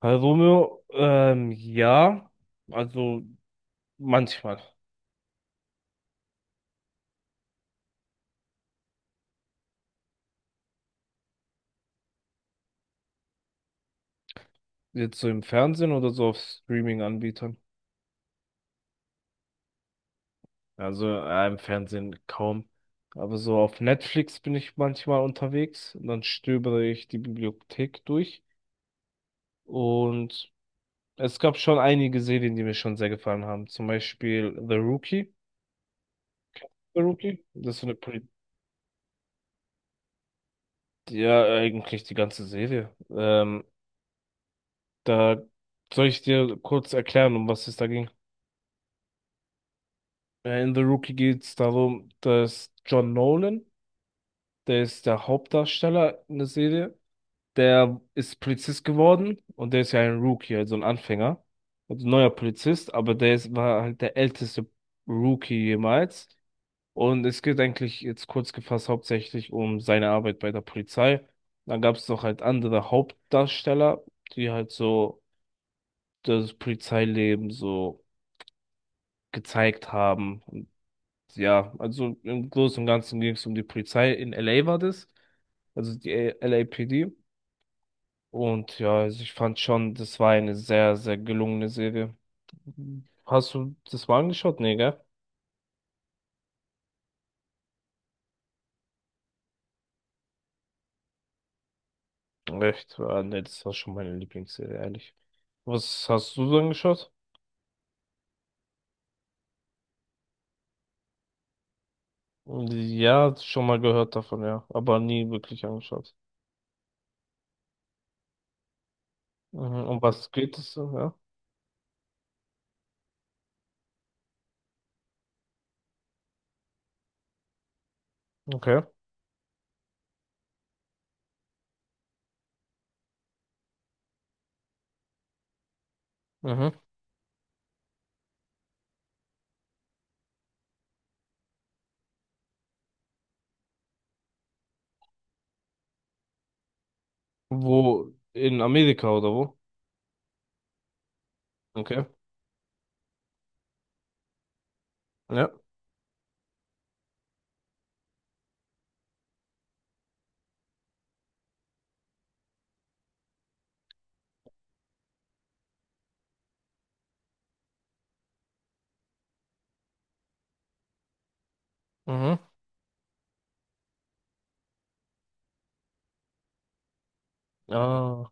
Hallo Romeo, ja, also manchmal. Jetzt so im Fernsehen oder so auf Streaming-Anbietern. Also im Fernsehen kaum. Aber so auf Netflix bin ich manchmal unterwegs und dann stöbere ich die Bibliothek durch. Und es gab schon einige Serien, die mir schon sehr gefallen haben. Zum Beispiel The Rookie. The Rookie? Das ist so eine Poli Ja, eigentlich die ganze Serie. Da Soll ich dir kurz erklären, um was es da ging? In The Rookie geht es darum, dass John Nolan, der ist der Hauptdarsteller in der Serie, der ist Polizist geworden und der ist ja ein Rookie, also ein Anfänger, also ein neuer Polizist, aber war halt der älteste Rookie jemals. Und es geht eigentlich jetzt kurz gefasst hauptsächlich um seine Arbeit bei der Polizei. Dann gab es noch halt andere Hauptdarsteller, die halt so das Polizeileben so gezeigt haben. Ja, also im Großen und Ganzen ging es um die Polizei. In LA war das, also die LAPD. Und ja, also ich fand schon, das war eine sehr, sehr gelungene Serie. Hast du das mal angeschaut? Nee, gell? Echt? Ah, nee, das war schon meine Lieblingsserie, ehrlich. Was hast du so angeschaut? Ja, schon mal gehört davon, ja. Aber nie wirklich angeschaut. Mhm. Um was geht es so, ja? Okay. Mhm. Wo? In Amerika oder wo? Okay. Ja. Mhm. Ah.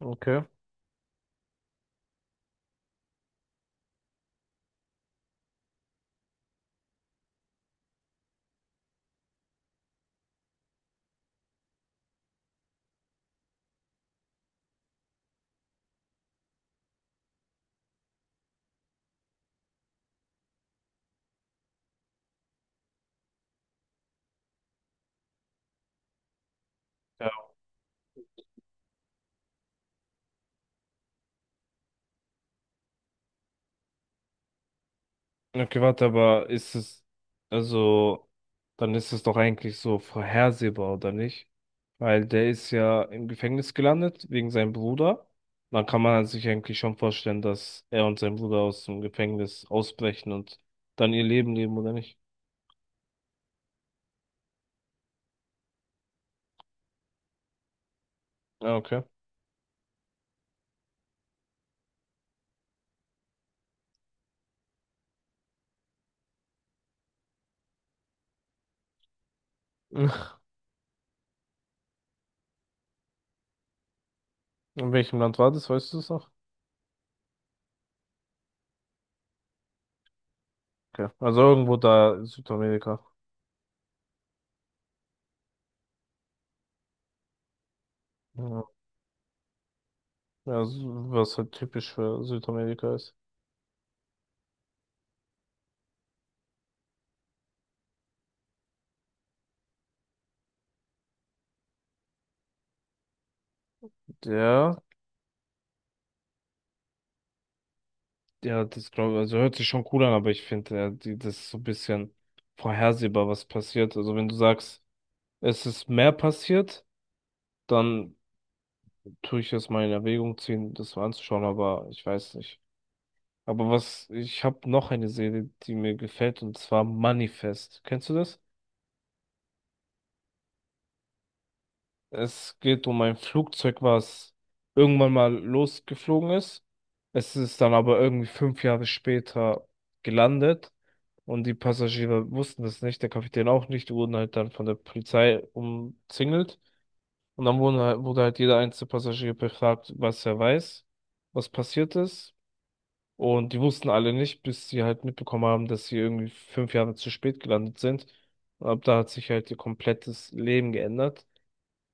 Okay. Ja, okay, warte, aber also, dann ist es doch eigentlich so vorhersehbar, oder nicht? Weil der ist ja im Gefängnis gelandet wegen seinem Bruder. Dann kann man sich eigentlich schon vorstellen, dass er und sein Bruder aus dem Gefängnis ausbrechen und dann ihr Leben leben, oder nicht? Ja, okay. Ach, in welchem Land war das, weißt du es noch? Okay. Also irgendwo da in Südamerika. Ja, ja, so- was halt typisch für Südamerika ist. Ja. Ja, das glaube ich, also hört sich schon cool an, aber ich finde, das ist so ein bisschen vorhersehbar, was passiert. Also wenn du sagst, es ist mehr passiert, dann tue ich es mal in Erwägung ziehen, das mal anzuschauen, aber ich weiß nicht. Aber was, ich habe noch eine Serie, die mir gefällt, und zwar Manifest. Kennst du das? Es geht um ein Flugzeug, was irgendwann mal losgeflogen ist. Es ist dann aber irgendwie fünf Jahre später gelandet und die Passagiere wussten das nicht, der Kapitän auch nicht, die wurden halt dann von der Polizei umzingelt und dann wurde halt jeder einzelne Passagier befragt, was er weiß, was passiert ist, und die wussten alle nicht, bis sie halt mitbekommen haben, dass sie irgendwie fünf Jahre zu spät gelandet sind. Und ab da hat sich halt ihr komplettes Leben geändert.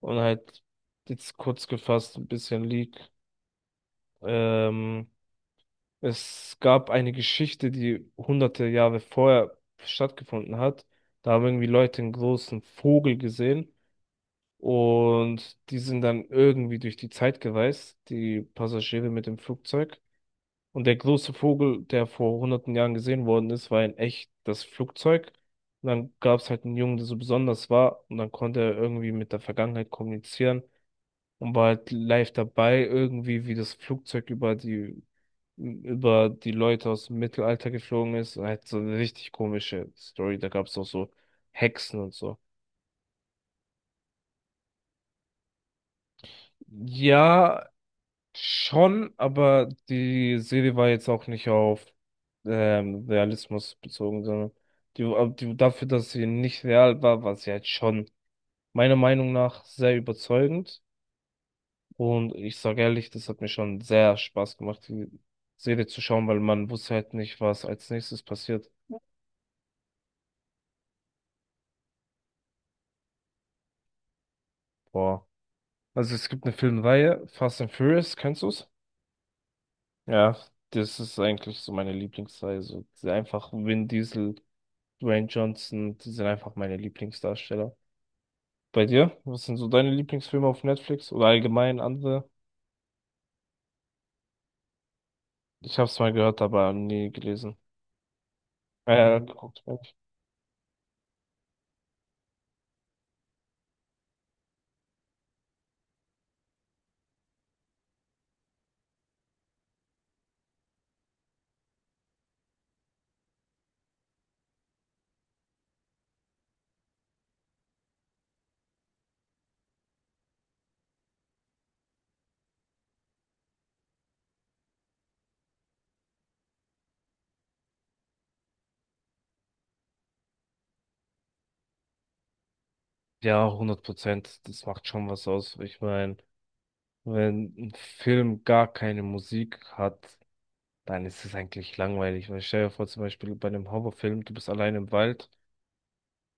Und halt jetzt kurz gefasst ein bisschen League. Ähm, es gab eine Geschichte, die hunderte Jahre vorher stattgefunden hat. Da haben irgendwie Leute einen großen Vogel gesehen und die sind dann irgendwie durch die Zeit gereist, die Passagiere mit dem Flugzeug. Und der große Vogel, der vor hunderten Jahren gesehen worden ist, war in echt das Flugzeug. Und dann gab es halt einen Jungen, der so besonders war, und dann konnte er irgendwie mit der Vergangenheit kommunizieren und war halt live dabei, irgendwie, wie das Flugzeug über die Leute aus dem Mittelalter geflogen ist. Halt so eine richtig komische Story. Da gab es auch so Hexen und so. Ja, schon, aber die Serie war jetzt auch nicht auf Realismus bezogen, sondern dafür, dass sie nicht real war, war sie halt schon meiner Meinung nach sehr überzeugend. Und ich sage ehrlich, das hat mir schon sehr Spaß gemacht, die Serie zu schauen, weil man wusste halt nicht, was als nächstes passiert. Boah. Also es gibt eine Filmreihe, Fast and Furious, kennst du's? Ja, das ist eigentlich so meine Lieblingsreihe. So diese einfach Vin Diesel, Dwayne Johnson, die sind einfach meine Lieblingsdarsteller. Bei dir? Was sind so deine Lieblingsfilme auf Netflix oder allgemein andere? Ich hab's mal gehört, aber nie gelesen. Geguckt. Ja, 100%. Das macht schon was aus. Ich meine, wenn ein Film gar keine Musik hat, dann ist es eigentlich langweilig. Weil stell dir vor, zum Beispiel bei einem Horrorfilm, du bist allein im Wald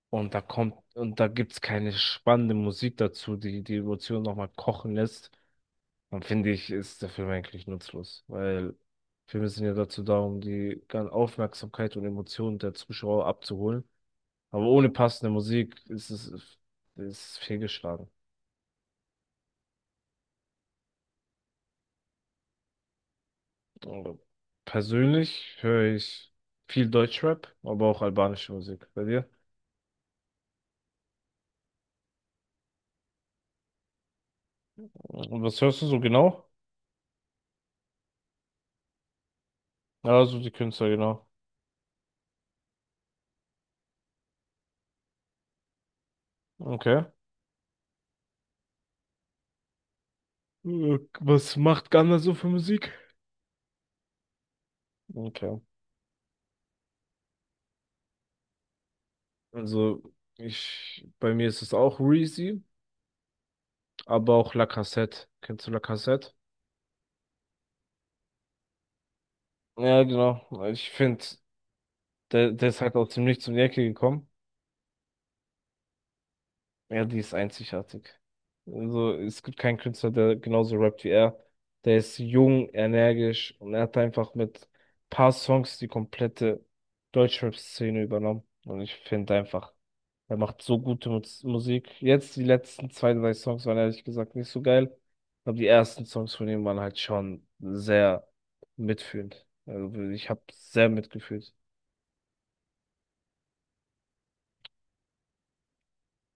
und da kommt und da gibt's keine spannende Musik dazu, die die Emotionen nochmal kochen lässt, dann finde ich, ist der Film eigentlich nutzlos. Weil Filme sind ja dazu da, um die ganze Aufmerksamkeit und Emotionen der Zuschauer abzuholen. Aber ohne passende Musik ist fehlgeschlagen. Also, persönlich höre ich viel Deutschrap, aber auch albanische Musik. Bei dir? Und was hörst du so genau? Ja, so die Künstler, genau. Okay. Was macht Ghana so für Musik? Okay. Also, ich, bei mir ist es auch Reezy, aber auch La Cassette. Kennst du La Cassette? Ja, genau. Ich finde, der ist halt aus dem Nichts um die Ecke gekommen. Ja, die ist einzigartig. Also, es gibt keinen Künstler, der genauso rappt wie er. Der ist jung, energisch und er hat einfach mit paar Songs die komplette Deutschrap-Szene übernommen. Und ich finde einfach, er macht so gute Musik. Jetzt die letzten zwei, drei Songs waren ehrlich gesagt nicht so geil. Aber die ersten Songs von ihm waren halt schon sehr mitfühlend. Also, ich habe sehr mitgefühlt.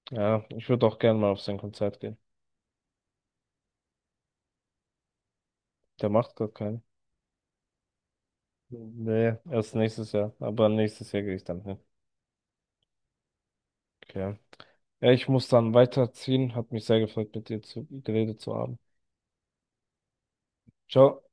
Ja, ich würde auch gerne mal auf sein Konzert gehen. Der macht gerade keinen. Nee, erst nächstes Jahr. Aber nächstes Jahr gehe ich dann hin. Okay. Ja, ich muss dann weiterziehen. Hat mich sehr gefreut, geredet zu haben. Ciao.